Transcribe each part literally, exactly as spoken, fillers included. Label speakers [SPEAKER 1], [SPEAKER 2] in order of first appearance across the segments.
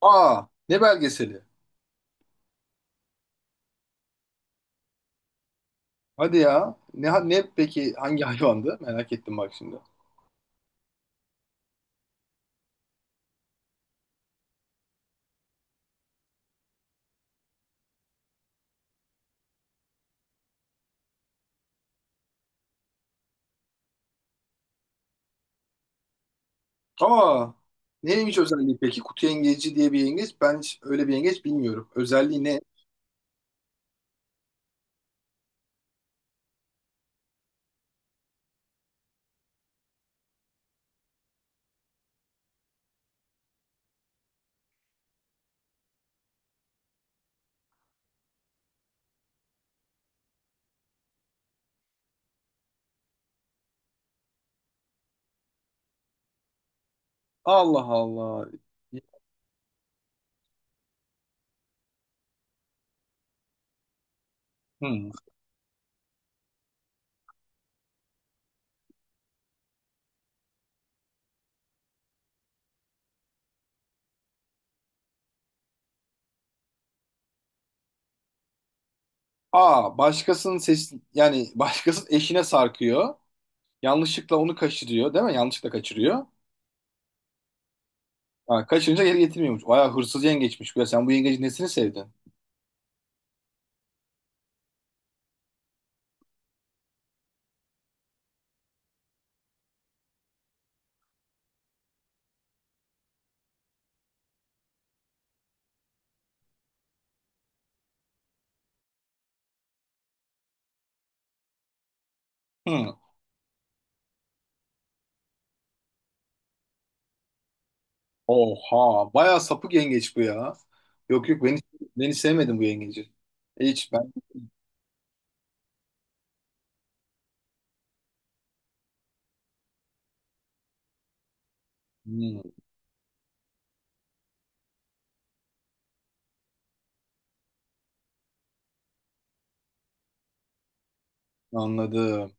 [SPEAKER 1] Aa, ne belgeseli? Hadi ya. Ne, ne peki hangi hayvandı? Merak ettim bak şimdi. Aa, neymiş özelliği peki? Kutu yengeci diye bir yengeç. Ben hiç öyle bir yengeç bilmiyorum. Özelliği ne? Allah Allah. Hmm. Aa, başkasının ses yani başkasının eşine sarkıyor. Yanlışlıkla onu kaçırıyor, değil mi? Yanlışlıkla kaçırıyor. Ha, kaçırınca geri getirmiyormuş. Bayağı hırsız yengeçmiş. Ya sen bu yengecin nesini sevdin? Hmm. Oha, bayağı sapık yengeç bu ya. Yok yok, beni beni sevmedim bu yengeci. Hiç ben. Hmm, anladım.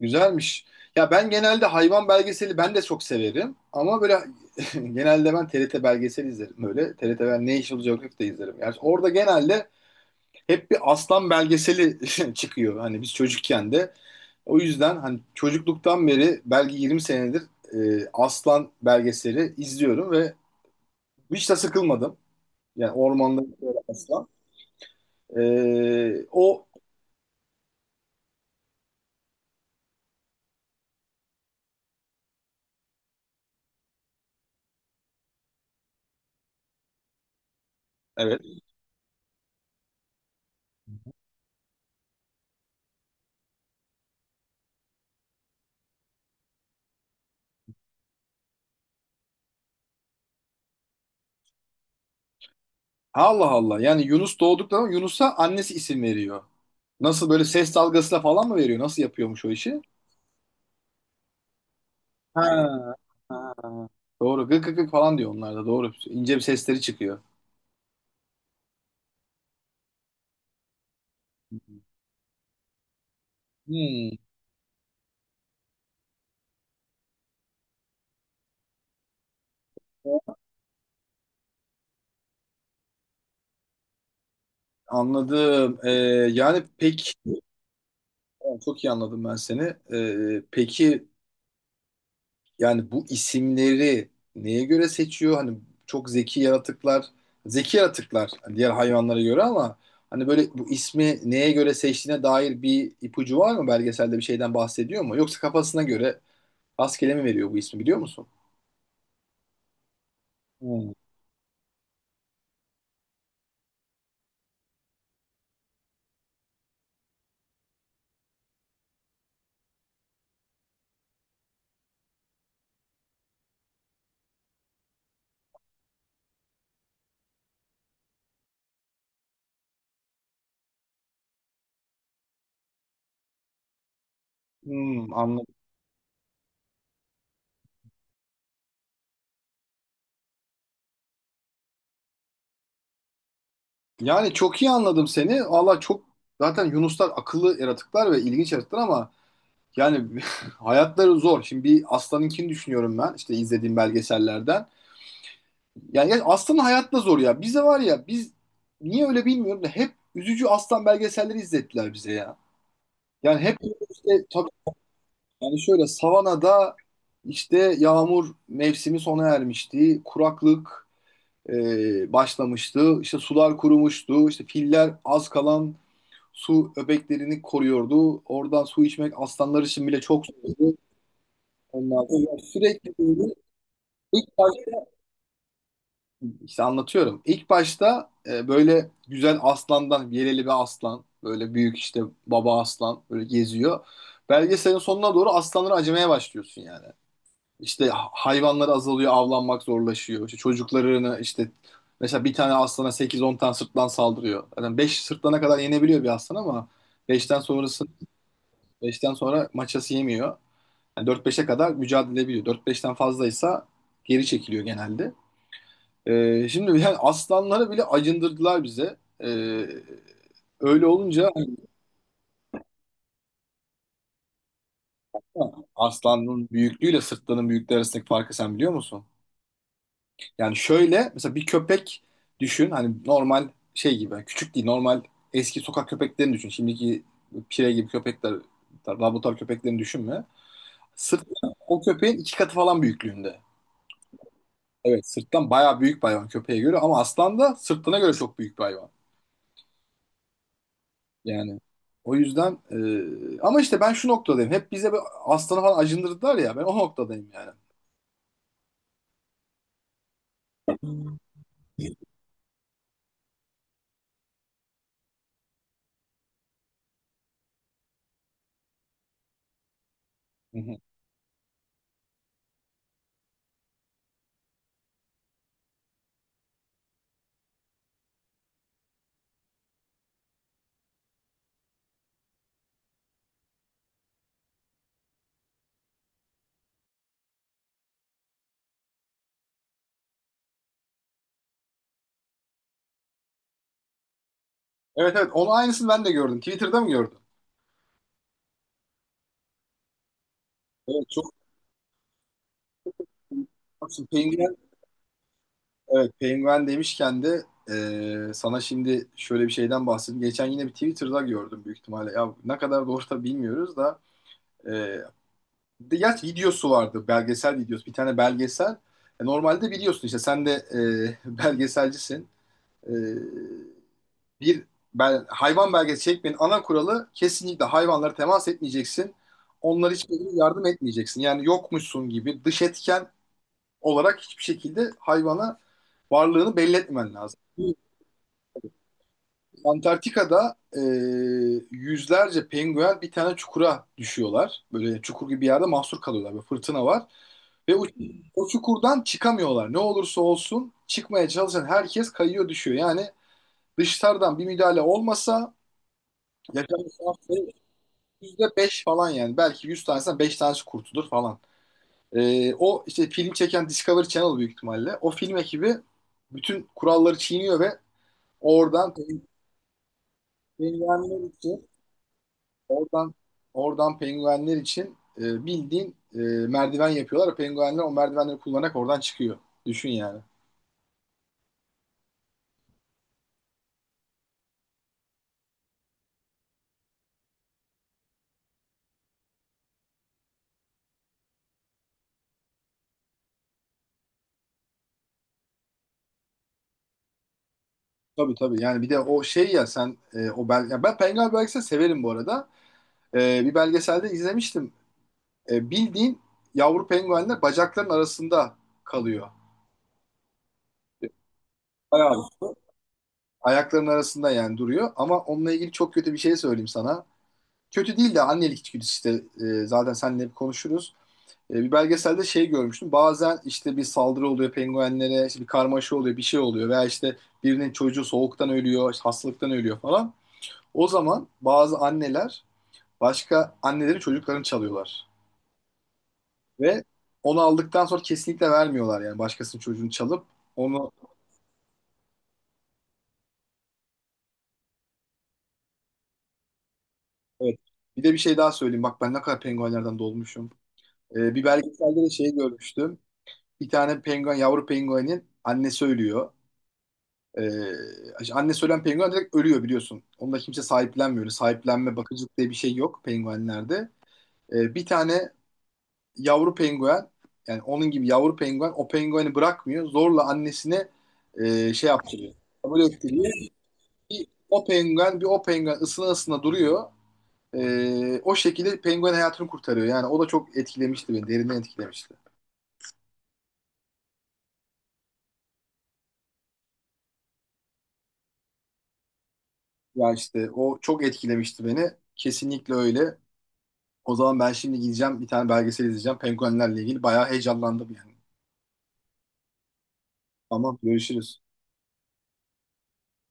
[SPEAKER 1] Güzelmiş. Ya ben genelde hayvan belgeseli ben de çok severim ama böyle genelde ben T R T belgeseli izlerim böyle. T R T ben National Geographic de izlerim. Yani orada genelde hep bir aslan belgeseli çıkıyor. Hani biz çocukken de o yüzden hani çocukluktan beri belki yirmi senedir e, aslan belgeseli izliyorum ve hiç de sıkılmadım. Yani ormanda yaşayan aslan. Ee, o evet. Allah Allah. Yani Yunus doğduktan sonra Yunus'a annesi isim veriyor. Nasıl böyle ses dalgasıyla falan mı veriyor? Nasıl yapıyormuş o işi? Ha, ha. Doğru. Gık gık gık falan diyor onlar da. Doğru. İnce bir sesleri çıkıyor. Hmm. Anladım. Ee, yani peki çok iyi anladım ben seni. Ee, peki yani bu isimleri neye göre seçiyor? Hani çok zeki yaratıklar, zeki yaratıklar hani diğer hayvanlara göre ama hani böyle bu ismi neye göre seçtiğine dair bir ipucu var mı? Belgeselde bir şeyden bahsediyor mu? Yoksa kafasına göre rastgele mi veriyor bu ismi biliyor musun? Hmm. Hmm, anladım. Yani çok iyi anladım seni. Valla çok zaten Yunuslar akıllı yaratıklar ve ilginç yaratıklar ama yani hayatları zor. Şimdi bir aslanınkini düşünüyorum ben işte izlediğim belgesellerden. Yani ya aslan hayat da zor ya. Bize var ya biz niye öyle bilmiyorum da hep üzücü aslan belgeselleri izlettiler bize ya. Yani hep işte tabii yani şöyle savanada işte yağmur mevsimi sona ermişti. Kuraklık e, başlamıştı. İşte sular kurumuştu. İşte filler az kalan su öbeklerini koruyordu. Oradan su içmek aslanlar için bile çok zordu. Onlar da sürekli böyle. ilk baş- İşte anlatıyorum. İlk başta e, böyle güzel aslandan, yeleli bir aslan, böyle büyük işte baba aslan böyle geziyor. Belgeselin sonuna doğru aslanları acımaya başlıyorsun yani. İşte hayvanlar azalıyor, avlanmak zorlaşıyor. İşte çocuklarını işte mesela bir tane aslana sekiz on tane sırtlan saldırıyor. Yani beş sırtlana kadar yenebiliyor bir aslan ama beşten sonrası beşten sonra maçası yemiyor. Yani dört beşe kadar mücadele ediyor. Dört beşten fazlaysa geri çekiliyor genelde. Ee, şimdi yani aslanları bile acındırdılar bize. Ee, öyle olunca aslanın büyüklüğüyle sırtlanın büyüklüğü arasındaki farkı sen biliyor musun? Yani şöyle mesela bir köpek düşün hani normal şey gibi yani küçük değil normal eski sokak köpeklerini düşün. Şimdiki pire gibi köpekler laboratuvar köpeklerini düşünme. Sırt o köpeğin iki katı falan büyüklüğünde. Evet sırttan bayağı büyük bir hayvan köpeğe göre ama aslan da sırtına göre çok büyük bir hayvan. Yani o yüzden e, ama işte ben şu noktadayım. Hep bize bir aslanı falan acındırdılar ya. Ben o noktadayım yani. Hı hı. Evet evet, onun aynısını ben de gördüm. Twitter'da mı gördün? Evet çok. Baksın, penguen, evet penguen demişken de e, sana şimdi şöyle bir şeyden bahsedeyim. Geçen yine bir Twitter'da gördüm büyük ihtimalle. Ya ne kadar doğru da bilmiyoruz da e, de, gerçi videosu vardı. Belgesel videosu. Bir tane belgesel. E, normalde biliyorsun işte sen de e, belgeselcisin. E, bir bel- hayvan belgesi çekmenin ana kuralı kesinlikle hayvanlara temas etmeyeceksin. Onlara hiçbir şekilde yardım etmeyeceksin. Yani yokmuşsun gibi dış etken olarak hiçbir şekilde hayvana varlığını belli etmemen lazım. Antarktika'da e, yüzlerce penguen bir tane çukura düşüyorlar. Böyle çukur gibi bir yerde mahsur kalıyorlar. Böyle fırtına var. Ve o, o çukurdan çıkamıyorlar. Ne olursa olsun çıkmaya çalışan herkes kayıyor düşüyor. Yani dışarıdan bir müdahale olmasa yaşam şansı Yüzde beş falan yani. Belki yüz tanesinden beş tanesi kurtulur falan. Ee, o işte film çeken Discovery Channel büyük ihtimalle. O film ekibi bütün kuralları çiğniyor ve oradan pe- penguenler için oradan oradan penguenler için e, bildiğin e, merdiven yapıyorlar. Penguenler o merdivenleri kullanarak oradan çıkıyor. Düşün yani. Tabii tabii yani bir de o şey ya sen e, o bel ya ben penguen belgeseli severim bu arada. E, bir belgeselde izlemiştim. E, bildiğin yavru penguenler bacakların arasında kalıyor. Bayağı ayaklarının arasında yani duruyor. Ama onunla ilgili çok kötü bir şey söyleyeyim sana. Kötü değil de annelik içgüdüsü işte. Ee, zaten seninle hep konuşuruz. Ee, bir belgeselde şey görmüştüm. Bazen işte bir saldırı oluyor penguenlere, işte bir karmaşa oluyor, bir şey oluyor. Veya işte birinin çocuğu soğuktan ölüyor, işte hastalıktan ölüyor falan. O zaman bazı anneler başka annelerin çocuklarını çalıyorlar. Ve onu aldıktan sonra kesinlikle vermiyorlar yani başkasının çocuğunu çalıp onu... Evet. Bir de bir şey daha söyleyeyim. Bak ben ne kadar penguenlerden dolmuşum. Ee, bir belgeselde de şey görmüştüm. Bir tane penguen, yavru penguenin annesi ölüyor. Ee, annesi ölen penguen direkt ölüyor biliyorsun. Onda kimse sahiplenmiyor. Öyle sahiplenme, bakıcılık diye bir şey yok penguenlerde. Ee, bir tane yavru penguen, yani onun gibi yavru penguen o pengueni bırakmıyor. Zorla annesine e, şey yaptırıyor. Kabul ettiriyor. Bir o penguen, bir o penguen ısına ısına duruyor. Ee, o şekilde penguen hayatını kurtarıyor. Yani o da çok etkilemişti beni, derinden etkilemişti. Ya işte o çok etkilemişti beni. Kesinlikle öyle. O zaman ben şimdi gideceğim bir tane belgesel izleyeceğim. Penguenlerle ilgili bayağı heyecanlandım yani. Tamam, görüşürüz.